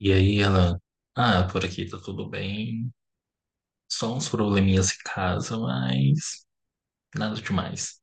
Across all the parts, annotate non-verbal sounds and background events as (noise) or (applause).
E aí ela, por aqui tá tudo bem, só uns probleminhas em casa, mas nada demais.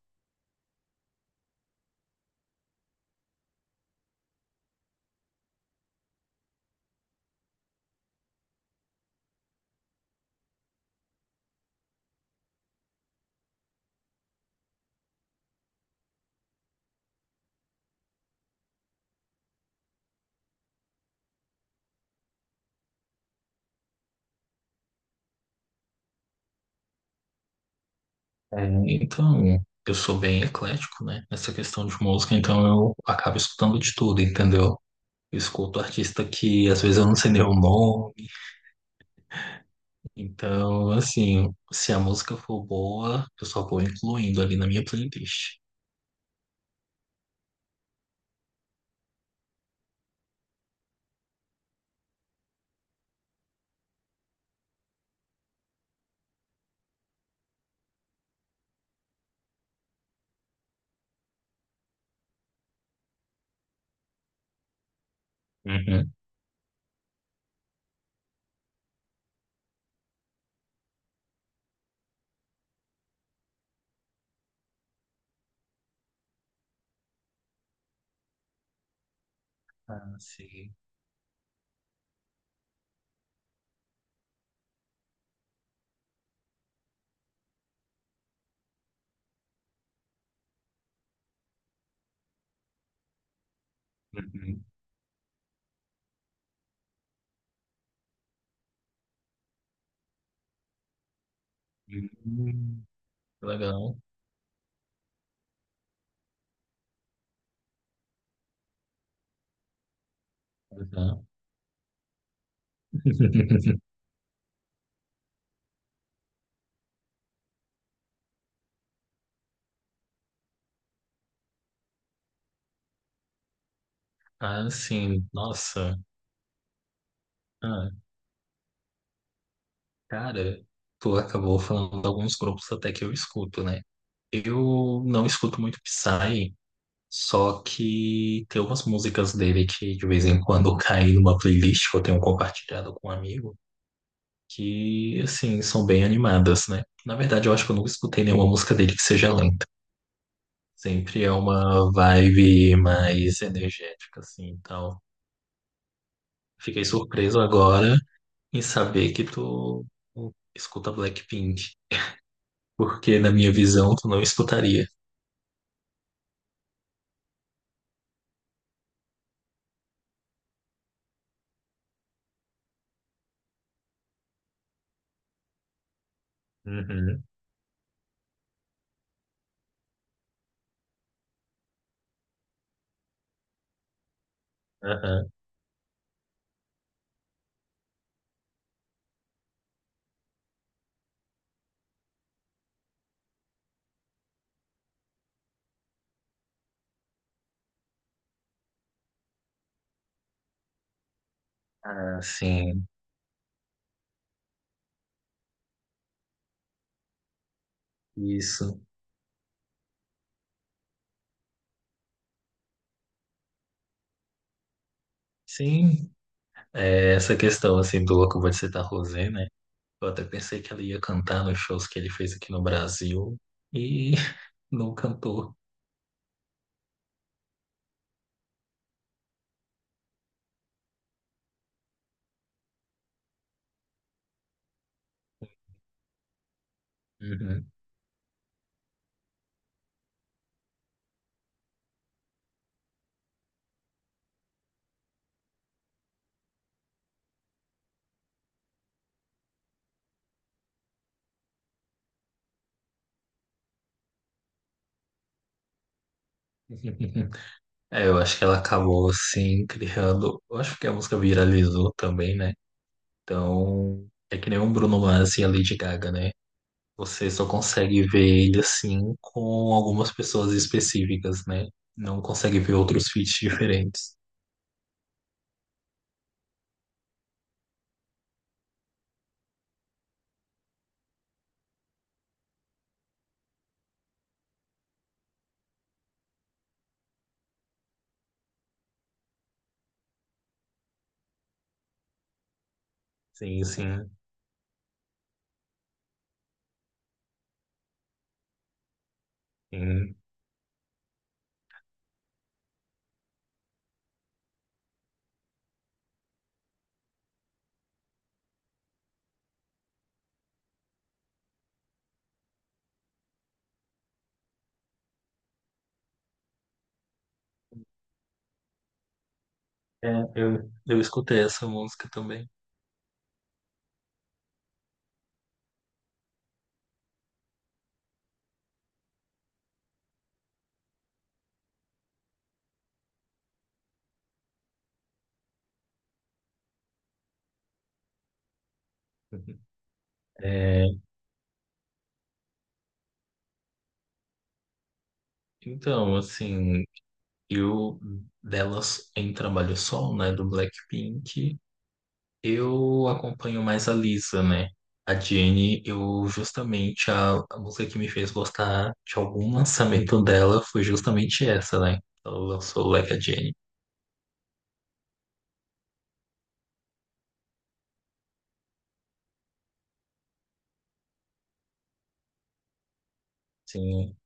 É, então, eu sou bem eclético, né, nessa questão de música, então eu acabo escutando de tudo, entendeu? Eu escuto artista que às vezes eu não sei nem o nome, então, assim, se a música for boa, eu só vou incluindo ali na minha playlist. Uhum. Ah, sim. Uhum. Hum. Legal. Legal. (laughs) Ah, sim, nossa. Ah, cara, tu acabou falando de alguns grupos até que eu escuto, né? Eu não escuto muito Psy, só que tem umas músicas dele que de vez em quando (laughs) caem numa playlist que eu tenho compartilhado com um amigo, que, assim, são bem animadas, né? Na verdade, eu acho que eu nunca escutei nenhuma música dele que seja lenta. Sempre é uma vibe mais energética, assim, e tal. Fiquei surpreso agora em saber que tu escuta Blackpink, porque na minha visão tu não escutaria. Uhum, aham. Ah, sim, isso. Sim, é, essa questão assim do Louco Vou Te Citar Rosé, né? Eu até pensei que ela ia cantar nos shows que ele fez aqui no Brasil e (laughs) não cantou. Uhum. (laughs) É, eu acho que ela acabou assim criando. Eu acho que a música viralizou também, né? Então, é que nem o Bruno Mars e a Lady Gaga, né? Você só consegue ver ele assim com algumas pessoas específicas, né? Não consegue ver outros feats diferentes. Sim, sim, sim. É, eu escutei essa música também. (laughs) É, assim, eu delas em Trabalho Solo, né, do Blackpink, eu acompanho mais a Lisa, né? A Jennie, eu justamente a música que me fez gostar de algum lançamento dela foi justamente essa, né? Ela lançou Like a Jennie. Sim.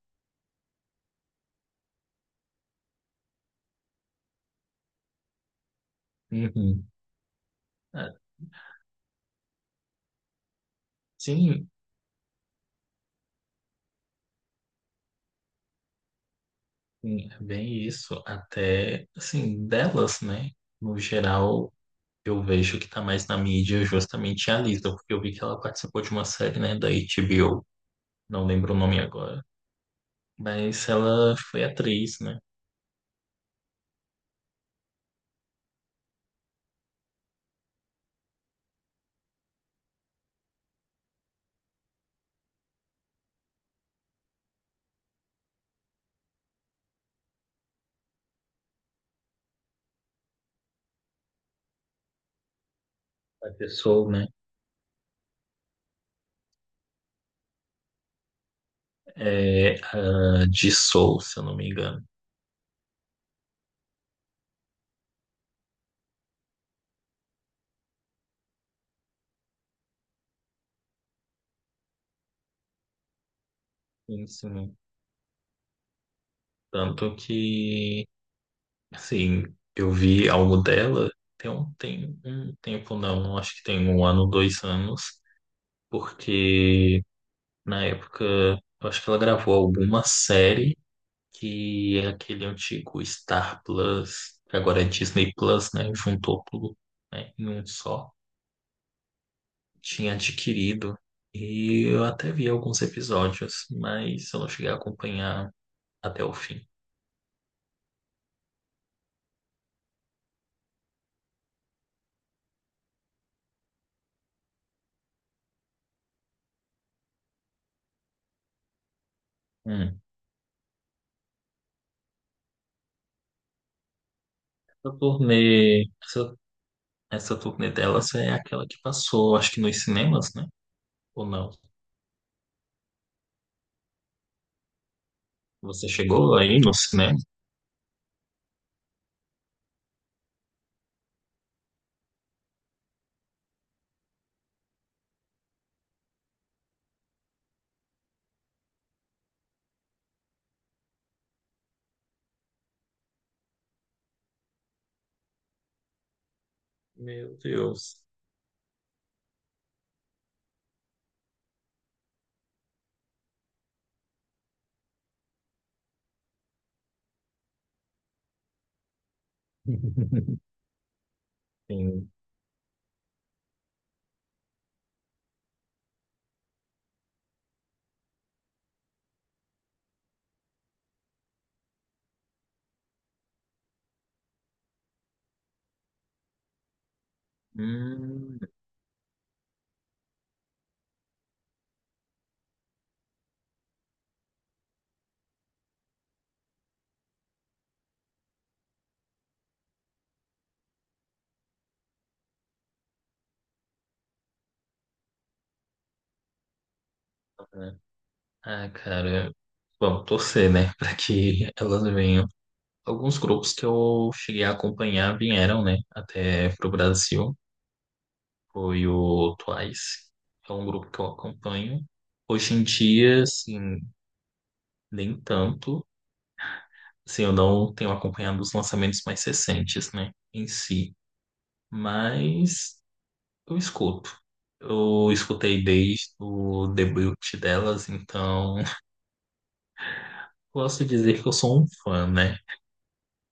Uhum. Ah, sim, sim, é bem isso. Até, assim, delas, né? No geral, eu vejo que tá mais na mídia justamente a Lisa, porque eu vi que ela participou de uma série, né, da HBO, não lembro o nome agora, mas ela foi atriz, né? A pessoa, né? É, a de Soul, se eu não me engano. Sim, sim. Tanto que, assim, eu vi algo dela tem um tempo, não, acho que tem um ano, dois anos porque na época eu acho que ela gravou alguma série que é aquele antigo Star Plus, que agora é Disney Plus, né? Juntou tudo, né, em um só. Tinha adquirido e eu até vi alguns episódios, mas eu não cheguei a acompanhar até o fim. Hum. Essa turnê, essa, essa turnê delas é aquela que passou, acho que nos cinemas, né? Ou não? Você chegou aí no cinema? Meu Deus. (laughs) Sim. Hum, aham. Ah, cara. Bom, torcer, né? (laughs) Para que elas venham. Alguns grupos que eu cheguei a acompanhar vieram, né? Até pro Brasil. Foi o Twice, que é um grupo que eu acompanho. Hoje em dia, assim, nem tanto. Assim, eu não tenho acompanhado os lançamentos mais recentes, né? Em si. Mas eu escuto. Eu escutei desde o debut delas, então (laughs) posso dizer que eu sou um fã, né?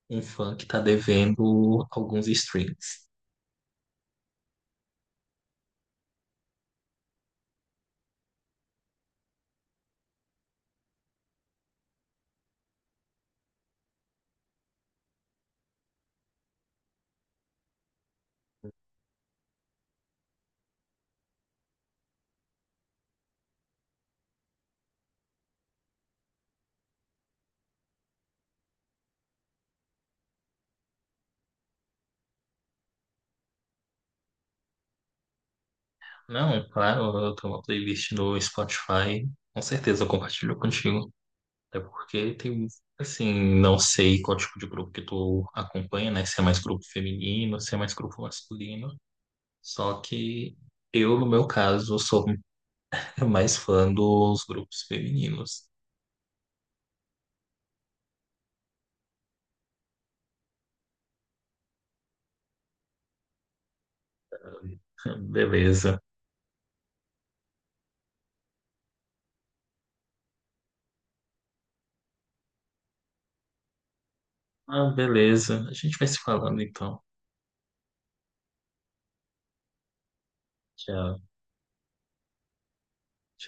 Um fã que tá devendo alguns streams. Não, claro, eu tenho uma playlist no Spotify. Com certeza eu compartilho contigo. Até porque tem, assim, não sei qual tipo de grupo que tu acompanha, né? Se é mais grupo feminino, se é mais grupo masculino. Só que eu, no meu caso, sou (laughs) mais fã dos grupos femininos. (laughs) Beleza. Ah, beleza. A gente vai se falando então. Tchau.